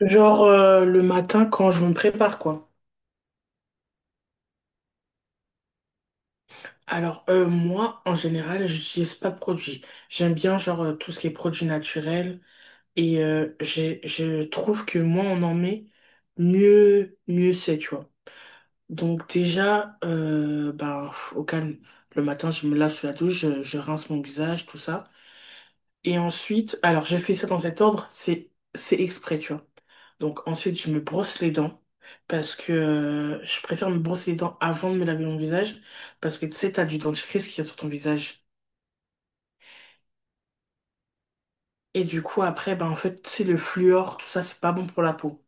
Genre le matin quand je me prépare quoi. Alors moi en général j'utilise pas de produits. J'aime bien genre tout ce qui est produits naturels et je trouve que moins on en met mieux c'est tu vois. Donc déjà au calme le matin je me lave sous la douche je rince mon visage tout ça. Et ensuite, alors j'ai fait ça dans cet ordre, c'est exprès, tu vois. Donc ensuite, je me brosse les dents parce que je préfère me brosser les dents avant de me laver mon visage parce que tu sais, t'as du dentifrice qui est sur ton visage. Et du coup, après, ben en fait, c'est le fluor, tout ça, c'est pas bon pour la peau.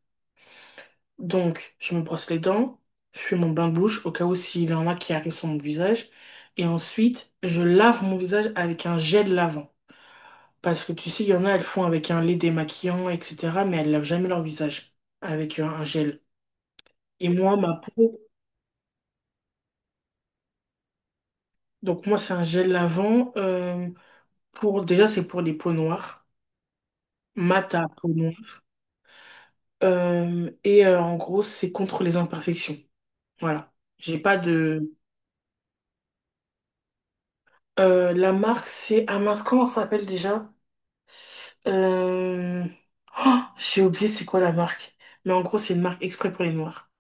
Donc, je me brosse les dents, je fais mon bain de bouche au cas où s'il y en a qui arrivent sur mon visage. Et ensuite, je lave mon visage avec un gel lavant. Parce que tu sais, il y en a, elles font avec un lait démaquillant, etc. Mais elles lavent jamais leur visage avec un gel. Et moi, ma peau, donc moi, c'est un gel lavant. Pour, déjà, c'est pour les peaux noires, mat à peau noire. En gros, c'est contre les imperfections. Voilà. J'ai pas de. La marque, c'est. Ah mince, comment ça s'appelle déjà? Euh, oh, j'ai oublié c'est quoi la marque. Mais en gros, c'est une marque exprès pour les noirs.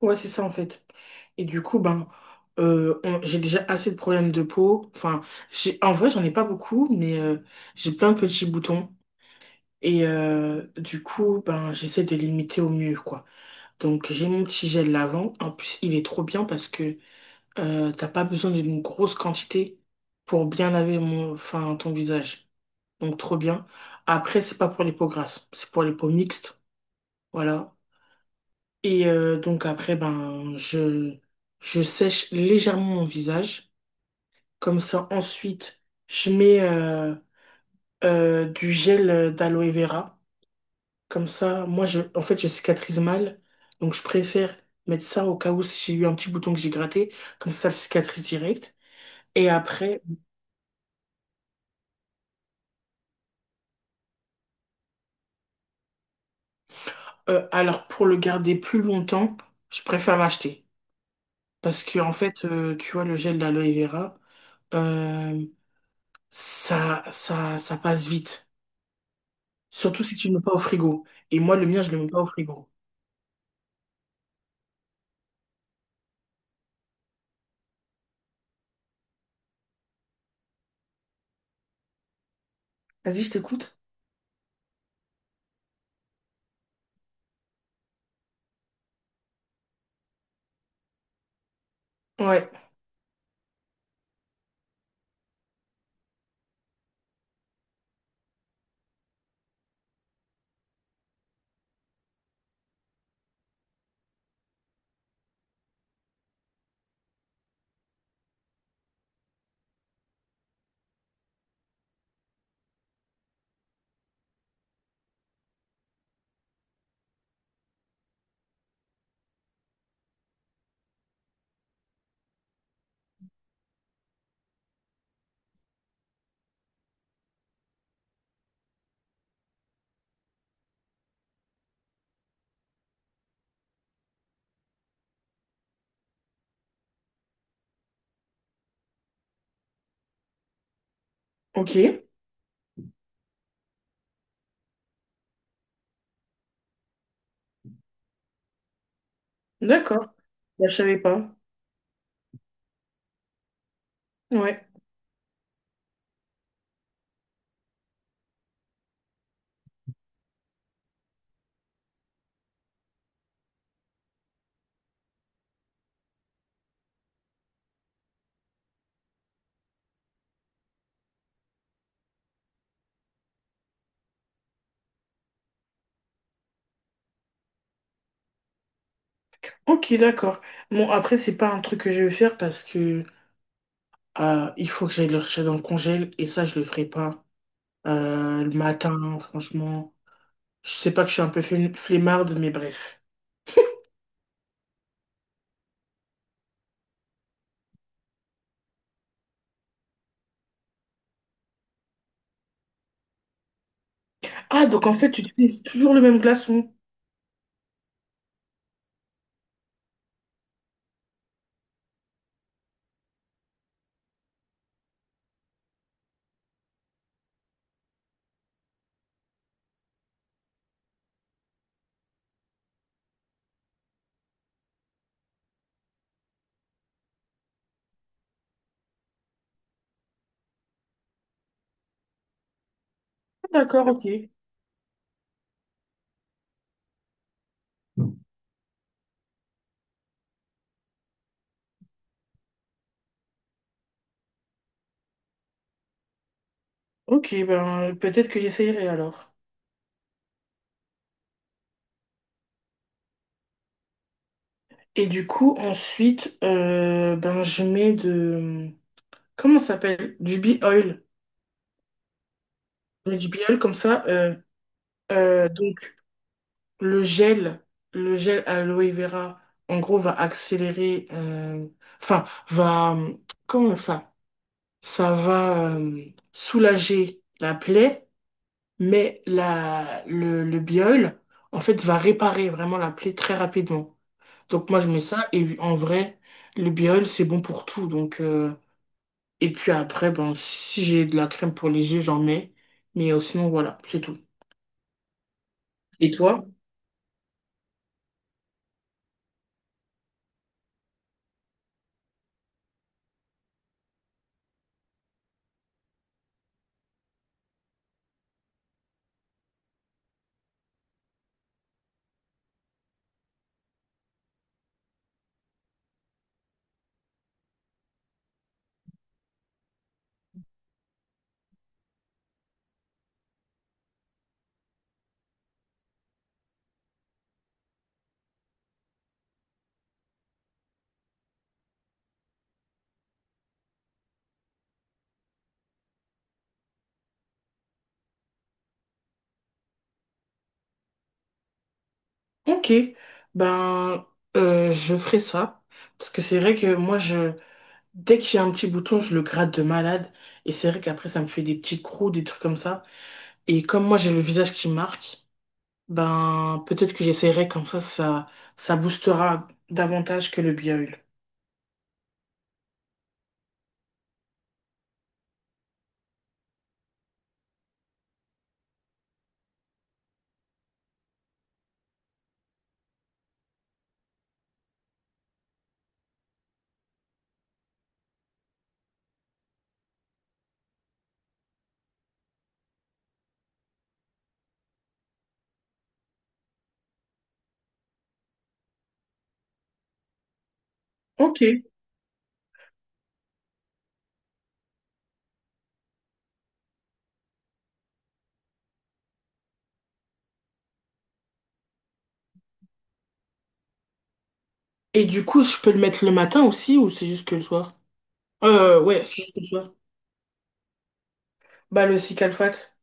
Ouais, c'est ça en fait. Et du coup, ben, j'ai déjà assez de problèmes de peau. Enfin, j'ai, en vrai, j'en ai pas beaucoup, mais j'ai plein de petits boutons. Et du coup, ben, j'essaie de limiter au mieux, quoi. Donc, j'ai mon petit gel lavant. En plus, il est trop bien parce que t'as pas besoin d'une grosse quantité pour bien laver mon, enfin, ton visage. Donc, trop bien. Après, c'est pas pour les peaux grasses, c'est pour les peaux mixtes. Voilà. Et donc, après, je sèche légèrement mon visage. Comme ça, ensuite, je mets du gel d'aloe vera. Comme ça, en fait, je cicatrise mal. Donc, je préfère mettre ça au cas où si j'ai eu un petit bouton que j'ai gratté. Comme ça, le cicatrise direct. Et après, alors, pour le garder plus longtemps, je préfère l'acheter. Parce que, en fait, tu vois, le gel d'aloe vera, euh, ça passe vite. Surtout si tu ne le mets pas au frigo. Et moi, le mien, je le mets pas au frigo. Vas-y, je t'écoute. Ouais. Ok. D'accord. Bah, je savais pas. Ouais. Ok, d'accord. Bon, après, c'est pas un truc que je vais faire parce que il faut que j'aille le rechercher dans le congèle et ça, je le ferai pas le matin, franchement. Je sais pas que je suis un peu flemmarde, mais bref. Ah, donc en fait, tu utilises toujours le même glaçon. Ah, d'accord, ok. Ok, ben peut-être que j'essayerai alors. Et du coup, ensuite, ben je mets de... Comment ça s'appelle? Du bee oil. Je mets du bee oil comme ça. Donc le gel, le gel aloe vera, en gros, va accélérer, enfin, va, euh, comment ça? Ça va soulager la plaie, mais le biol, en fait, va réparer vraiment la plaie très rapidement. Donc moi, je mets ça, et en vrai, le biol, c'est bon pour tout. Donc, et puis après, ben, si j'ai de la crème pour les yeux, j'en mets. Mais sinon, voilà, c'est tout. Et toi? Ok, ben je ferai ça parce que c'est vrai que moi je dès que j'ai un petit bouton je le gratte de malade et c'est vrai qu'après ça me fait des petits crocs des trucs comme ça et comme moi j'ai le visage qui marque ben peut-être que j'essaierai comme ça ça boostera davantage que le bio. Ok. Et du coup je peux le mettre le matin aussi ou c'est juste que le soir? Ouais juste le soir. Bah le cicalfate.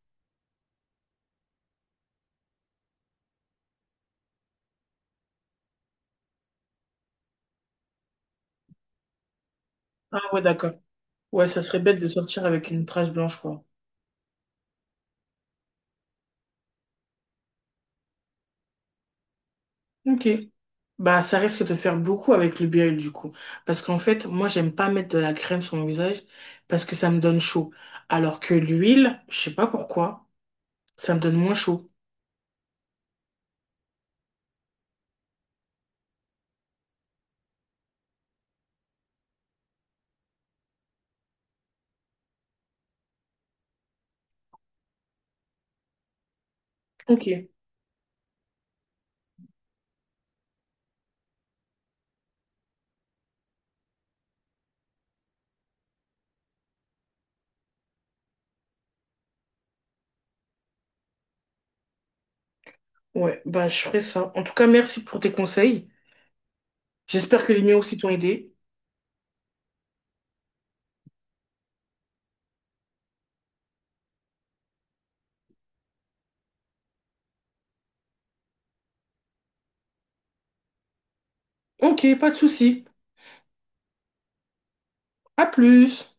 Ah ouais d'accord. Ouais ça serait bête de sortir avec une trace blanche quoi. Ok. Bah, ça risque de faire beaucoup avec le BL du coup. Parce qu'en fait, moi, j'aime pas mettre de la crème sur mon visage parce que ça me donne chaud. Alors que l'huile, je sais pas pourquoi, ça me donne moins chaud. Ok. Ouais, bah, je ferai ça. En tout cas, merci pour tes conseils. J'espère que les miens aussi t'ont aidé. Ok, pas de souci. À plus.